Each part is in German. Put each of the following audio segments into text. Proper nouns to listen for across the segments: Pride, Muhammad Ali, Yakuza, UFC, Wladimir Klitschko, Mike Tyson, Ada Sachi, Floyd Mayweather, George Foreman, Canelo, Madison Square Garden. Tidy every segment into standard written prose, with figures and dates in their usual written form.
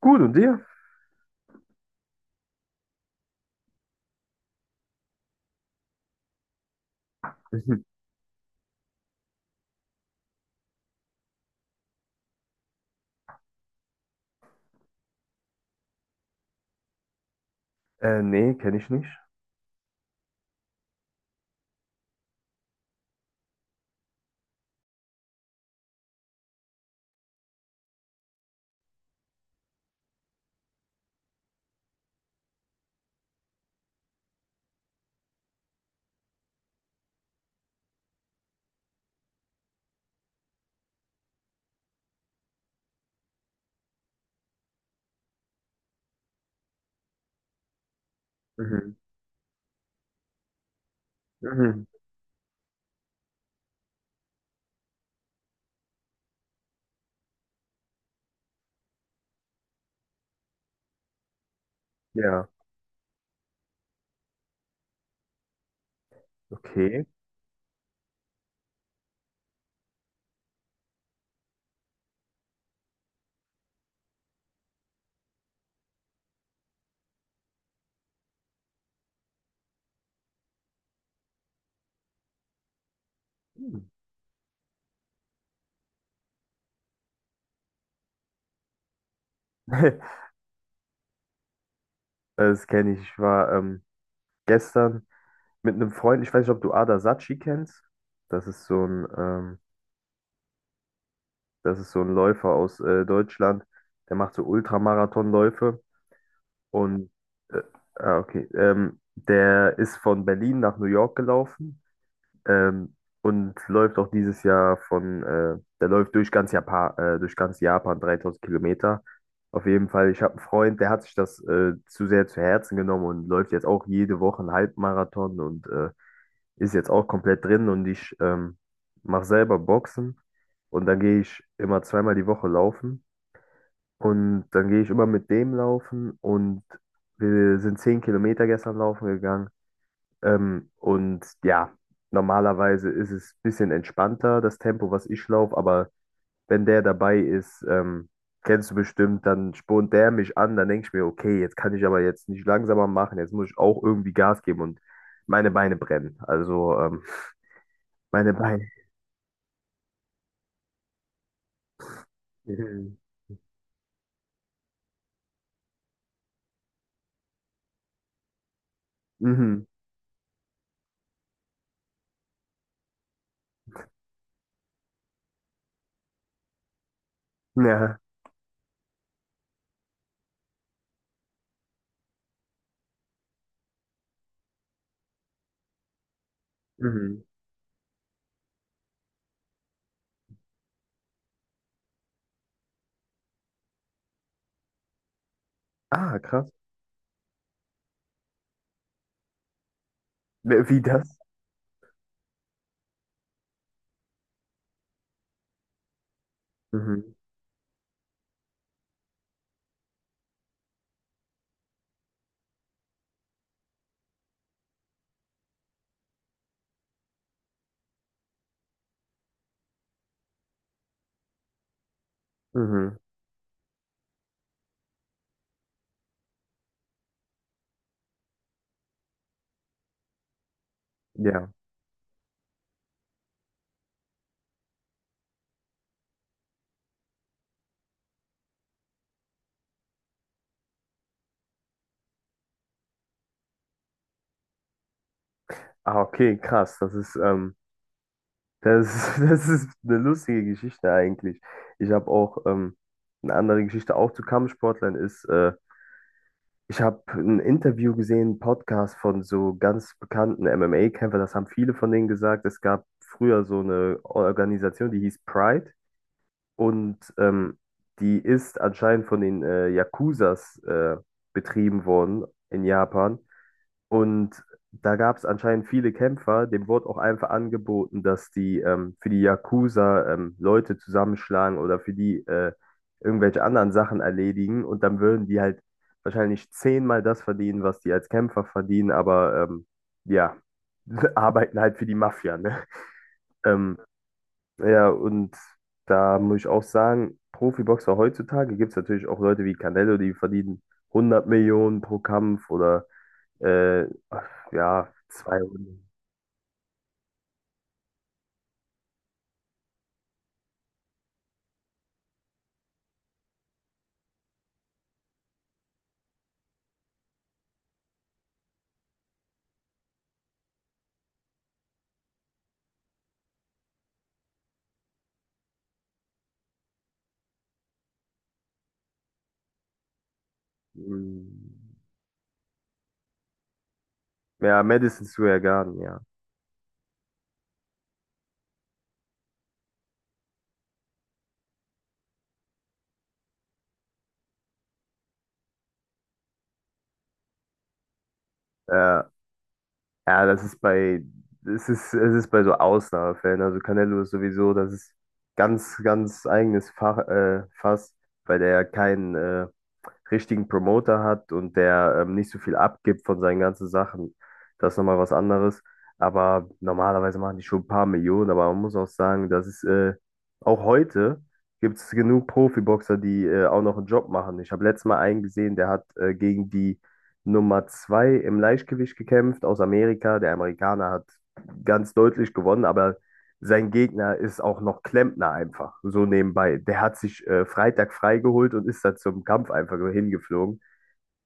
Gut, und dir? Mhm. Nee, kenne ich nicht. Mhm. Mhm. Ja, okay. Hm. Das kenne ich. Ich war gestern mit einem Freund, ich weiß nicht, ob du Ada Sachi kennst. Das ist so ein, ähm, Das ist so ein Läufer aus Deutschland. Der macht so Ultramarathonläufe. Und äh, ah, okay. Der ist von Berlin nach New York gelaufen. Ähm, und läuft auch dieses Jahr der läuft durch ganz Japan 3000 Kilometer. Auf jeden Fall, ich habe einen Freund, der hat sich das zu sehr zu Herzen genommen und läuft jetzt auch jede Woche einen Halbmarathon und ist jetzt auch komplett drin. Und ich mache selber Boxen und dann gehe ich immer zweimal die Woche laufen. Und dann gehe ich immer mit dem laufen und wir sind 10 Kilometer gestern laufen gegangen. Und ja, normalerweise ist es ein bisschen entspannter, das Tempo, was ich laufe, aber wenn der dabei ist, kennst du bestimmt, dann spornt der mich an, dann denke ich mir, okay, jetzt kann ich aber jetzt nicht langsamer machen, jetzt muss ich auch irgendwie Gas geben und meine Beine brennen. Also, meine Beine. Mhm. Mhm. Ja. Mhm. Ah, krass. Wie das? Mhm. Mhm. Ja. Ah, okay, krass. Das, Das ist eine lustige Geschichte eigentlich. Ich habe auch eine andere Geschichte auch zu Kampfsportlern ich habe ein Interview gesehen, einen Podcast von so ganz bekannten MMA-Kämpfern, das haben viele von denen gesagt. Es gab früher so eine Organisation, die hieß Pride. Und die ist anscheinend von den Yakuzas betrieben worden in Japan. Und da gab es anscheinend viele Kämpfer. Dem wurde auch einfach angeboten, dass die für die Yakuza Leute zusammenschlagen oder für die irgendwelche anderen Sachen erledigen. Und dann würden die halt wahrscheinlich zehnmal das verdienen, was die als Kämpfer verdienen. Aber ja, arbeiten halt für die Mafia, ne? Ähm, ja, und da muss ich auch sagen, Profiboxer heutzutage gibt es natürlich auch Leute wie Canelo, die verdienen 100 Millionen pro Kampf oder äh, ja, 200. Mm. Ja, Madison Square Garden, ja. Ja, ja, es ist bei so Ausnahmefällen. Also Canelo ist sowieso, das ist ganz, ganz eigenes Fass, weil der ja keinen richtigen Promoter hat und der nicht so viel abgibt von seinen ganzen Sachen. Das ist nochmal was anderes. Aber normalerweise machen die schon ein paar Millionen, aber man muss auch sagen, das ist auch heute gibt es genug Profiboxer, die auch noch einen Job machen. Ich habe letztes Mal einen gesehen, der hat gegen die Nummer 2 im Leichtgewicht gekämpft aus Amerika. Der Amerikaner hat ganz deutlich gewonnen, aber sein Gegner ist auch noch Klempner einfach, so nebenbei. Der hat sich Freitag freigeholt und ist da zum Kampf einfach hingeflogen.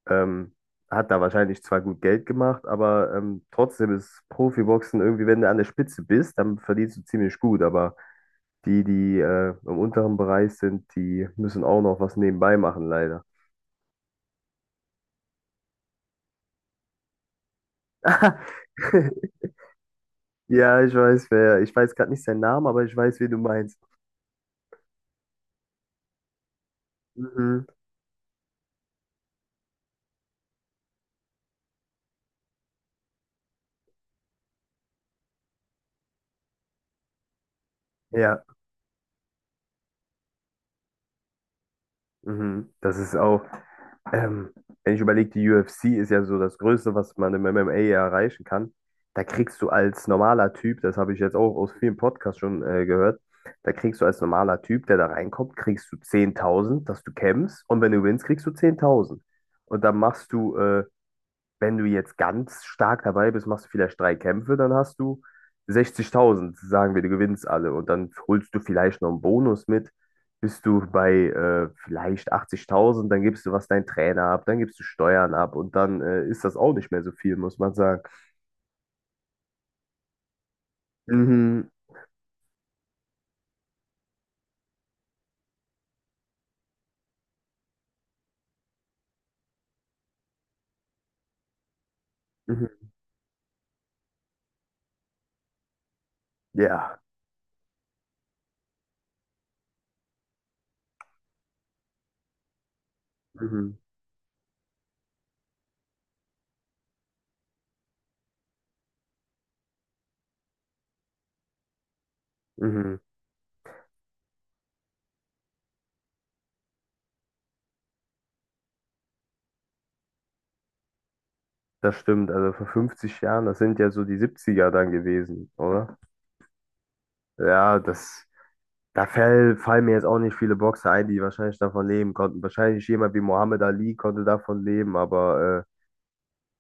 Ähm, Hat da wahrscheinlich zwar gut Geld gemacht, aber trotzdem ist Profiboxen irgendwie, wenn du an der Spitze bist, dann verdienst du ziemlich gut, aber die, die im unteren Bereich sind, die müssen auch noch was nebenbei machen, leider. Ja, ich weiß, wer. Ich weiß gerade nicht seinen Namen, aber ich weiß, wen du meinst. Mhm. Ja, mhm. Das ist auch, ähm, wenn ich überlege, die UFC ist ja so das Größte, was man im MMA erreichen kann. Da kriegst du als normaler Typ, das habe ich jetzt auch aus vielen Podcasts schon gehört, da kriegst du als normaler Typ, der da reinkommt, kriegst du 10.000, dass du kämpfst und wenn du gewinnst, kriegst du 10.000. Und dann machst du wenn du jetzt ganz stark dabei bist, machst du vielleicht drei Kämpfe, dann hast du 60.000, sagen wir, du gewinnst alle. Und dann holst du vielleicht noch einen Bonus mit, bist du bei vielleicht 80.000, dann gibst du was dein Trainer ab, dann gibst du Steuern ab und dann ist das auch nicht mehr so viel, muss man sagen. Mhm, mhm, ja, mhm, mhm, das stimmt. Also vor 50 Jahren, das sind ja so die 70er dann gewesen, oder? Ja, das. Da fallen mir jetzt auch nicht viele Boxer ein, die wahrscheinlich davon leben konnten. Wahrscheinlich jemand wie Muhammad Ali konnte davon leben, aber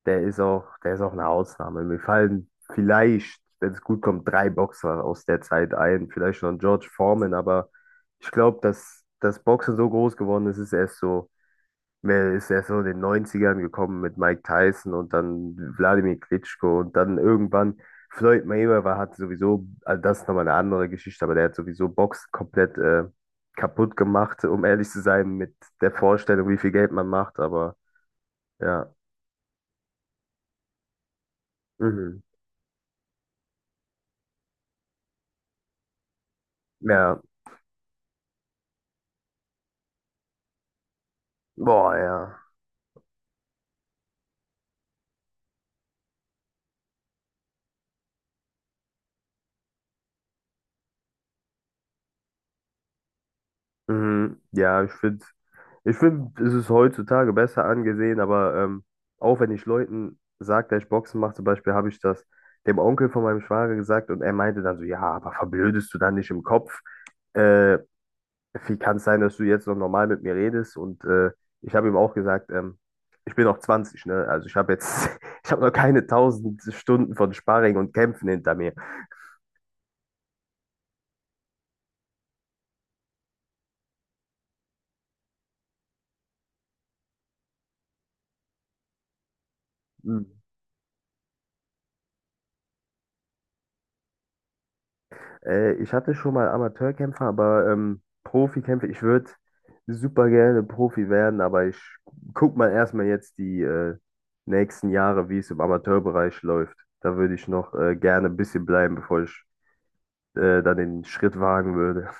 der ist auch eine Ausnahme. Mir fallen vielleicht, wenn es gut kommt, drei Boxer aus der Zeit ein, vielleicht noch ein George Foreman, aber ich glaube, dass das Boxen so groß geworden ist, ist erst so. Mel ist erst so in den Neunzigern gekommen mit Mike Tyson und dann Wladimir Klitschko und dann irgendwann Floyd Mayweather hat sowieso, also das ist nochmal eine andere Geschichte, aber der hat sowieso Box komplett kaputt gemacht, um ehrlich zu sein, mit der Vorstellung, wie viel Geld man macht, aber ja, mhm. Ja, boah, ja. Mhm, ja, ich find, es ist heutzutage besser angesehen, aber auch wenn ich Leuten sage, dass ich Boxen mache, zum Beispiel habe ich das dem Onkel von meinem Schwager gesagt und er meinte dann so, ja, aber verblödest du dann nicht im Kopf? Äh, Wie kann es sein, dass du jetzt noch normal mit mir redest? Und ich habe ihm auch gesagt, ich bin noch 20, ne? Also ich habe jetzt, ich habe noch keine 1000 Stunden von Sparring und Kämpfen hinter mir. Ich hatte schon mal Amateurkämpfer, aber Profikämpfer, ich würde super gerne Profi werden, aber ich guck mal erstmal jetzt die nächsten Jahre, wie es im Amateurbereich läuft. Da würde ich noch gerne ein bisschen bleiben, bevor ich dann den Schritt wagen würde.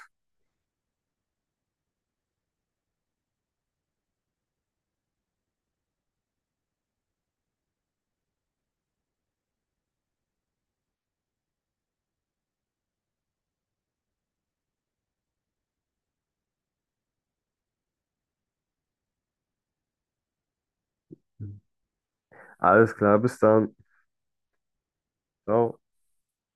Alles klar, bis dann. Ciao.